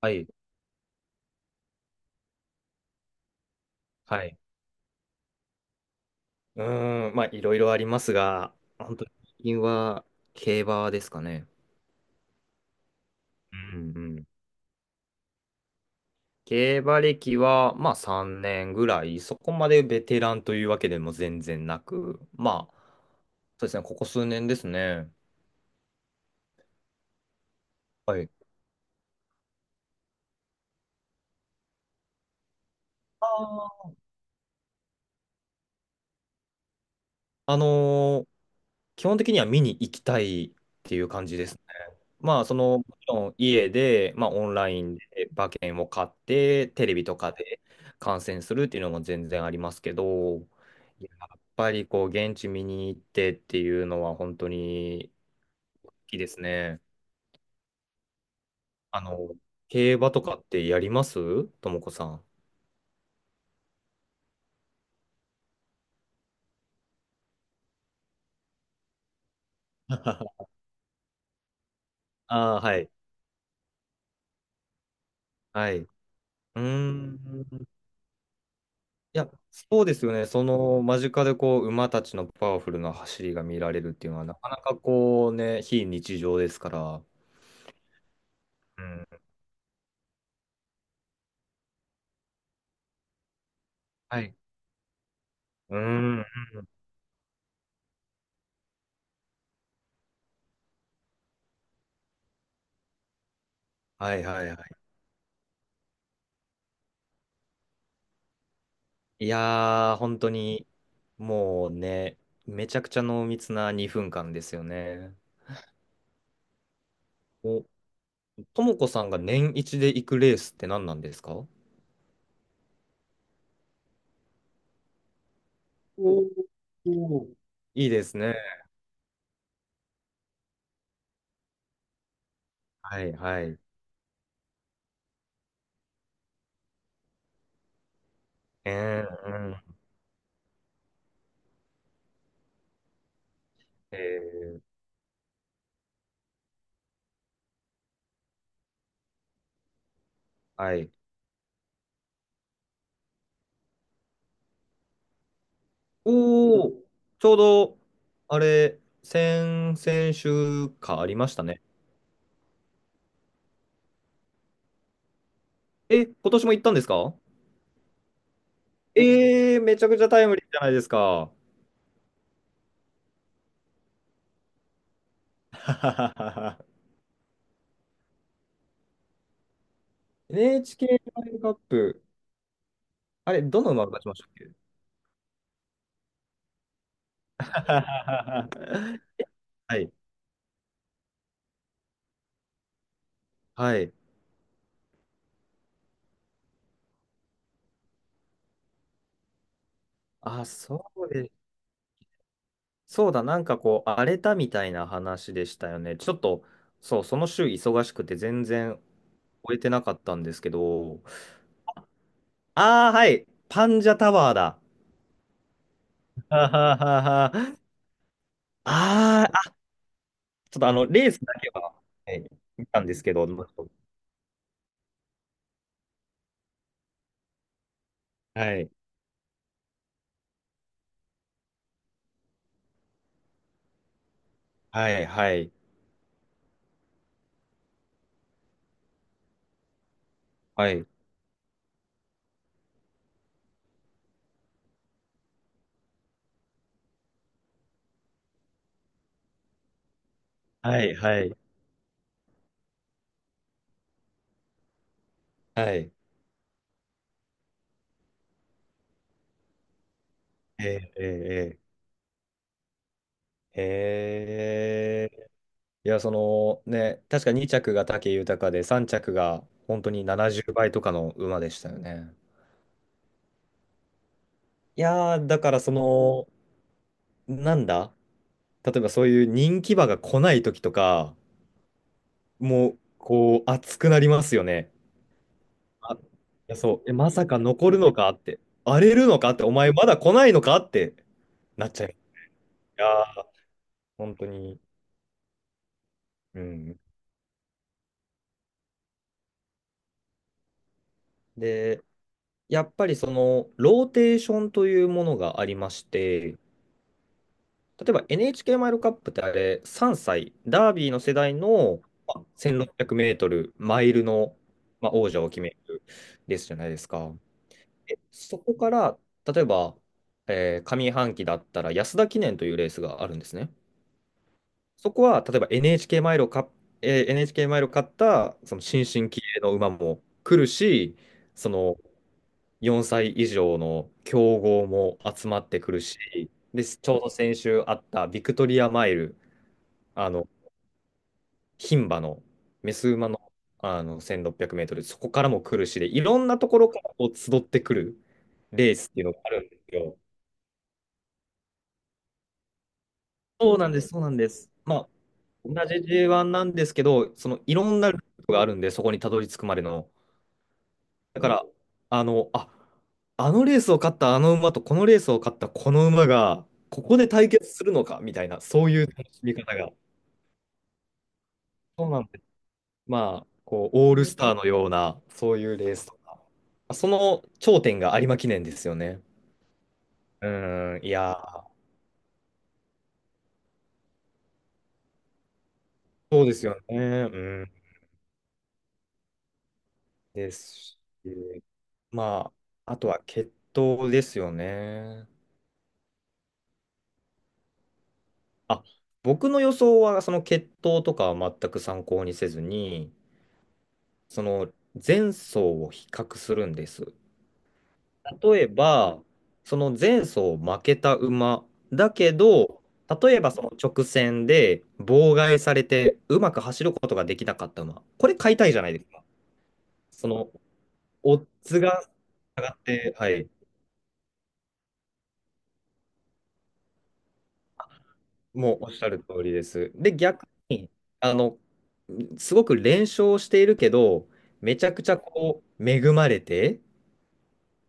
はい。はい。うーん、まあ、いろいろありますが、本当に最近は競馬ですかね。うんうん。競馬歴は、まあ、3年ぐらい、そこまでベテランというわけでも全然なく、まあ、そうですね、ここ数年ですね。はい。あーあの基本的には見に行きたいっていう感じですね。まあ、その、もちろん家で、まあ、オンラインで馬券を買って、テレビとかで観戦するっていうのも全然ありますけど、やっぱりこう、現地見に行ってっていうのは本当に好きですね。あの、競馬とかってやりますともこさん？ああ、はい。はい。うーん。いや、そうですよね。その間近でこう馬たちのパワフルな走りが見られるっていうのは、なかなかこうね、非日常ですから。うん。はい。うん。はいはいはい。いやー、本当に、もうね、めちゃくちゃ濃密な2分間ですよね。お、ともこさんが年一で行くレースって何なんですか？おおー。いいですね。はいはい。うん。えー、はい。おお、ちょうど、あれ、先々週かありましたね。え、今年も行ったんですか？えー、めちゃくちゃタイムリーじゃないですか。NHK ワイチケーワールドカップ、あれ、どの馬が勝ちましたっけ？はははは はい。はい。あ、そうで、そうだ、なんかこう、荒れたみたいな話でしたよね。ちょっと、そう、その週忙しくて全然終えてなかったんですけど、ああ、はい、パンジャタワーだ。はははは。あーあ、ちょっとあの、レースだけは、はい、見たんですけど、はい、はい、はい、はい、はい、はい、はい。えー、えー、えーえーいや、そのね、確か2着が武豊で、3着が本当に70倍とかの馬でしたよね。いやー、だからその、なんだ例えばそういう人気馬が来ない時とか、もう、こう、熱くなりますよね。あ、いや、そう。え、まさか残るのかって、荒れるのかって、お前まだ来ないのかってなっちゃいます。いやー、本当に。うん。で、やっぱりその、ローテーションというものがありまして、例えば NHK マイルカップってあれ、3歳、ダービーの世代の、まあ、1600メートル、マイルの、まあ、王者を決めるですじゃないですか。でそこから、例えば、上半期だったら安田記念というレースがあるんですね。そこは、例えば NHK マイルを買った、その新進気鋭の馬も来るし、その4歳以上の競合も集まってくるし、で、ちょうど先週あったビクトリアマイル、あの、牝馬の、メス馬の、あの、1600メートル、そこからも来るしで、いろんなところからこう集ってくるレースっていうのがあるんですよ。そうなんです、そうなんです。まあ、同じ J1 なんですけど、そのいろんなルートがあるんで、そこにたどり着くまでの。だから、あの、あ、あのレースを勝ったあの馬とこのレースを勝ったこの馬が、ここで対決するのかみたいな、そういう楽しみ方が。そうなんです。まあ、こう、オールスターのような、そういうレースとか。その頂点が有馬記念ですよね。うん、いやー、そうですよね。うん、ですし、まあ、あとは決闘ですよね。あ、僕の予想は、その決闘とかは全く参考にせずに、その前走を比較するんです。例えば、その前走負けた馬だけど、例えばその直線で妨害されてうまく走ることができなかった馬、これ買いたいじゃないですか。そのオッズが上がって、はい、もうおっしゃる通りです。で、逆に、あの、すごく連勝しているけど、めちゃくちゃこう恵まれて、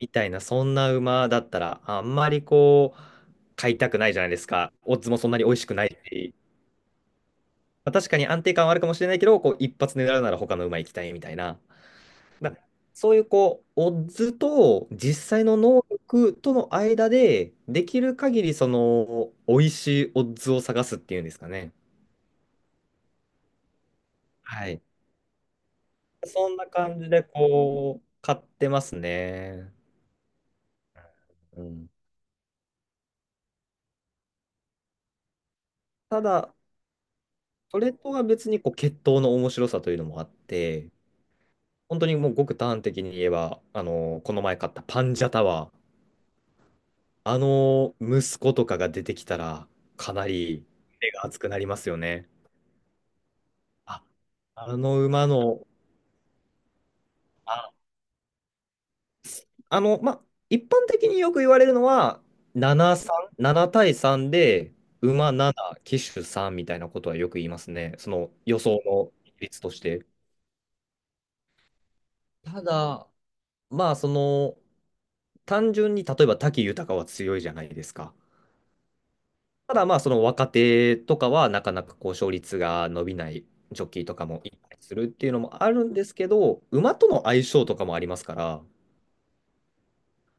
みたいな、そんな馬だったら、あんまりこう、買いたくないじゃないですか。オッズもそんなに美味しくないし、まあ、確かに安定感はあるかもしれないけど、こう、一発狙うなら他の馬行きたいみたいな。だそういう、こう、オッズと実際の能力との間で、できる限り、その、美味しいオッズを探すっていうんですかね。はい。そんな感じで、こう、買ってますね。うん。ただ、それとは別に、こう、血統の面白さというのもあって、本当にもうごく端的に言えば、あの、この前買ったパンジャタワー、あの息子とかが出てきたら、かなり目が熱くなりますよね。あ、あの馬の、あ、あの、ま、一般的によく言われるのは、7、3、7対3で、馬7、騎手3みたいなことはよく言いますね。その予想の比率として。ただ、まあ、その、単純に例えば武豊は強いじゃないですか。ただまあその若手とかはなかなかこう勝率が伸びないジョッキーとかもいっぱいするっていうのもあるんですけど、馬との相性とかもありますから、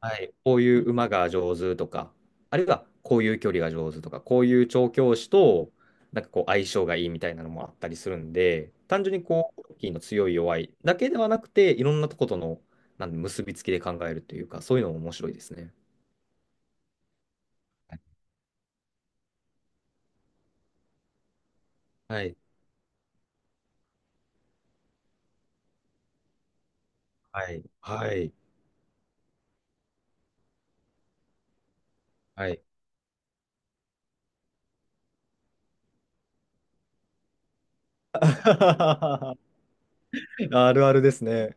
はい、こういう馬が上手とか、あるいはこういう距離が上手とか、こういう調教師となんかこう相性がいいみたいなのもあったりするんで、単純にこう、ジョッキーの強い弱いだけではなくて、いろんなとことのなんで結びつきで考えるというか、そういうのも面白いですね。はい。はい。はい。はい。はい あるあるですね。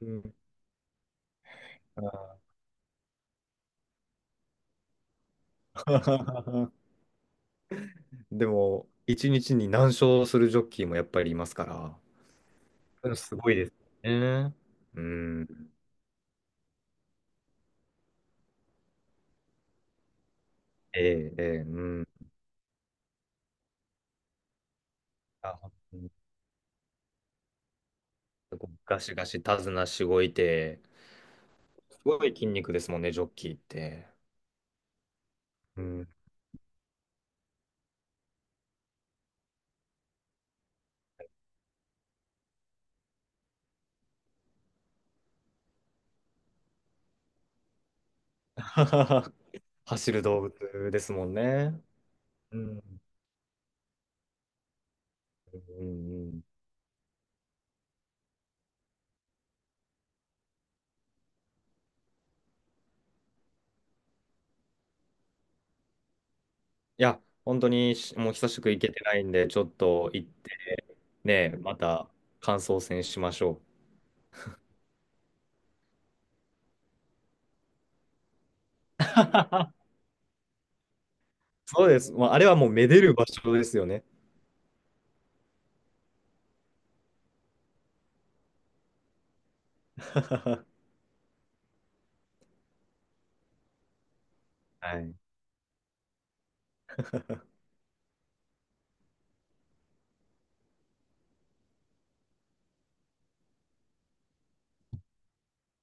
うん。あー でも、一日に何勝するジョッキーもやっぱりいますから、それすごいですね。うん。ええ、ええ、うん。あ、本当にガシガシ手綱しごいて、すごい筋肉ですもんね、ジョッキーって。うん。走る動物ですもんね。うん。うんうんいや、本当にもう久しく行けてないんで、ちょっと行ってね、また感想戦しましょう。そうです。まあ、あれはもうめでる場所ですよね。はい。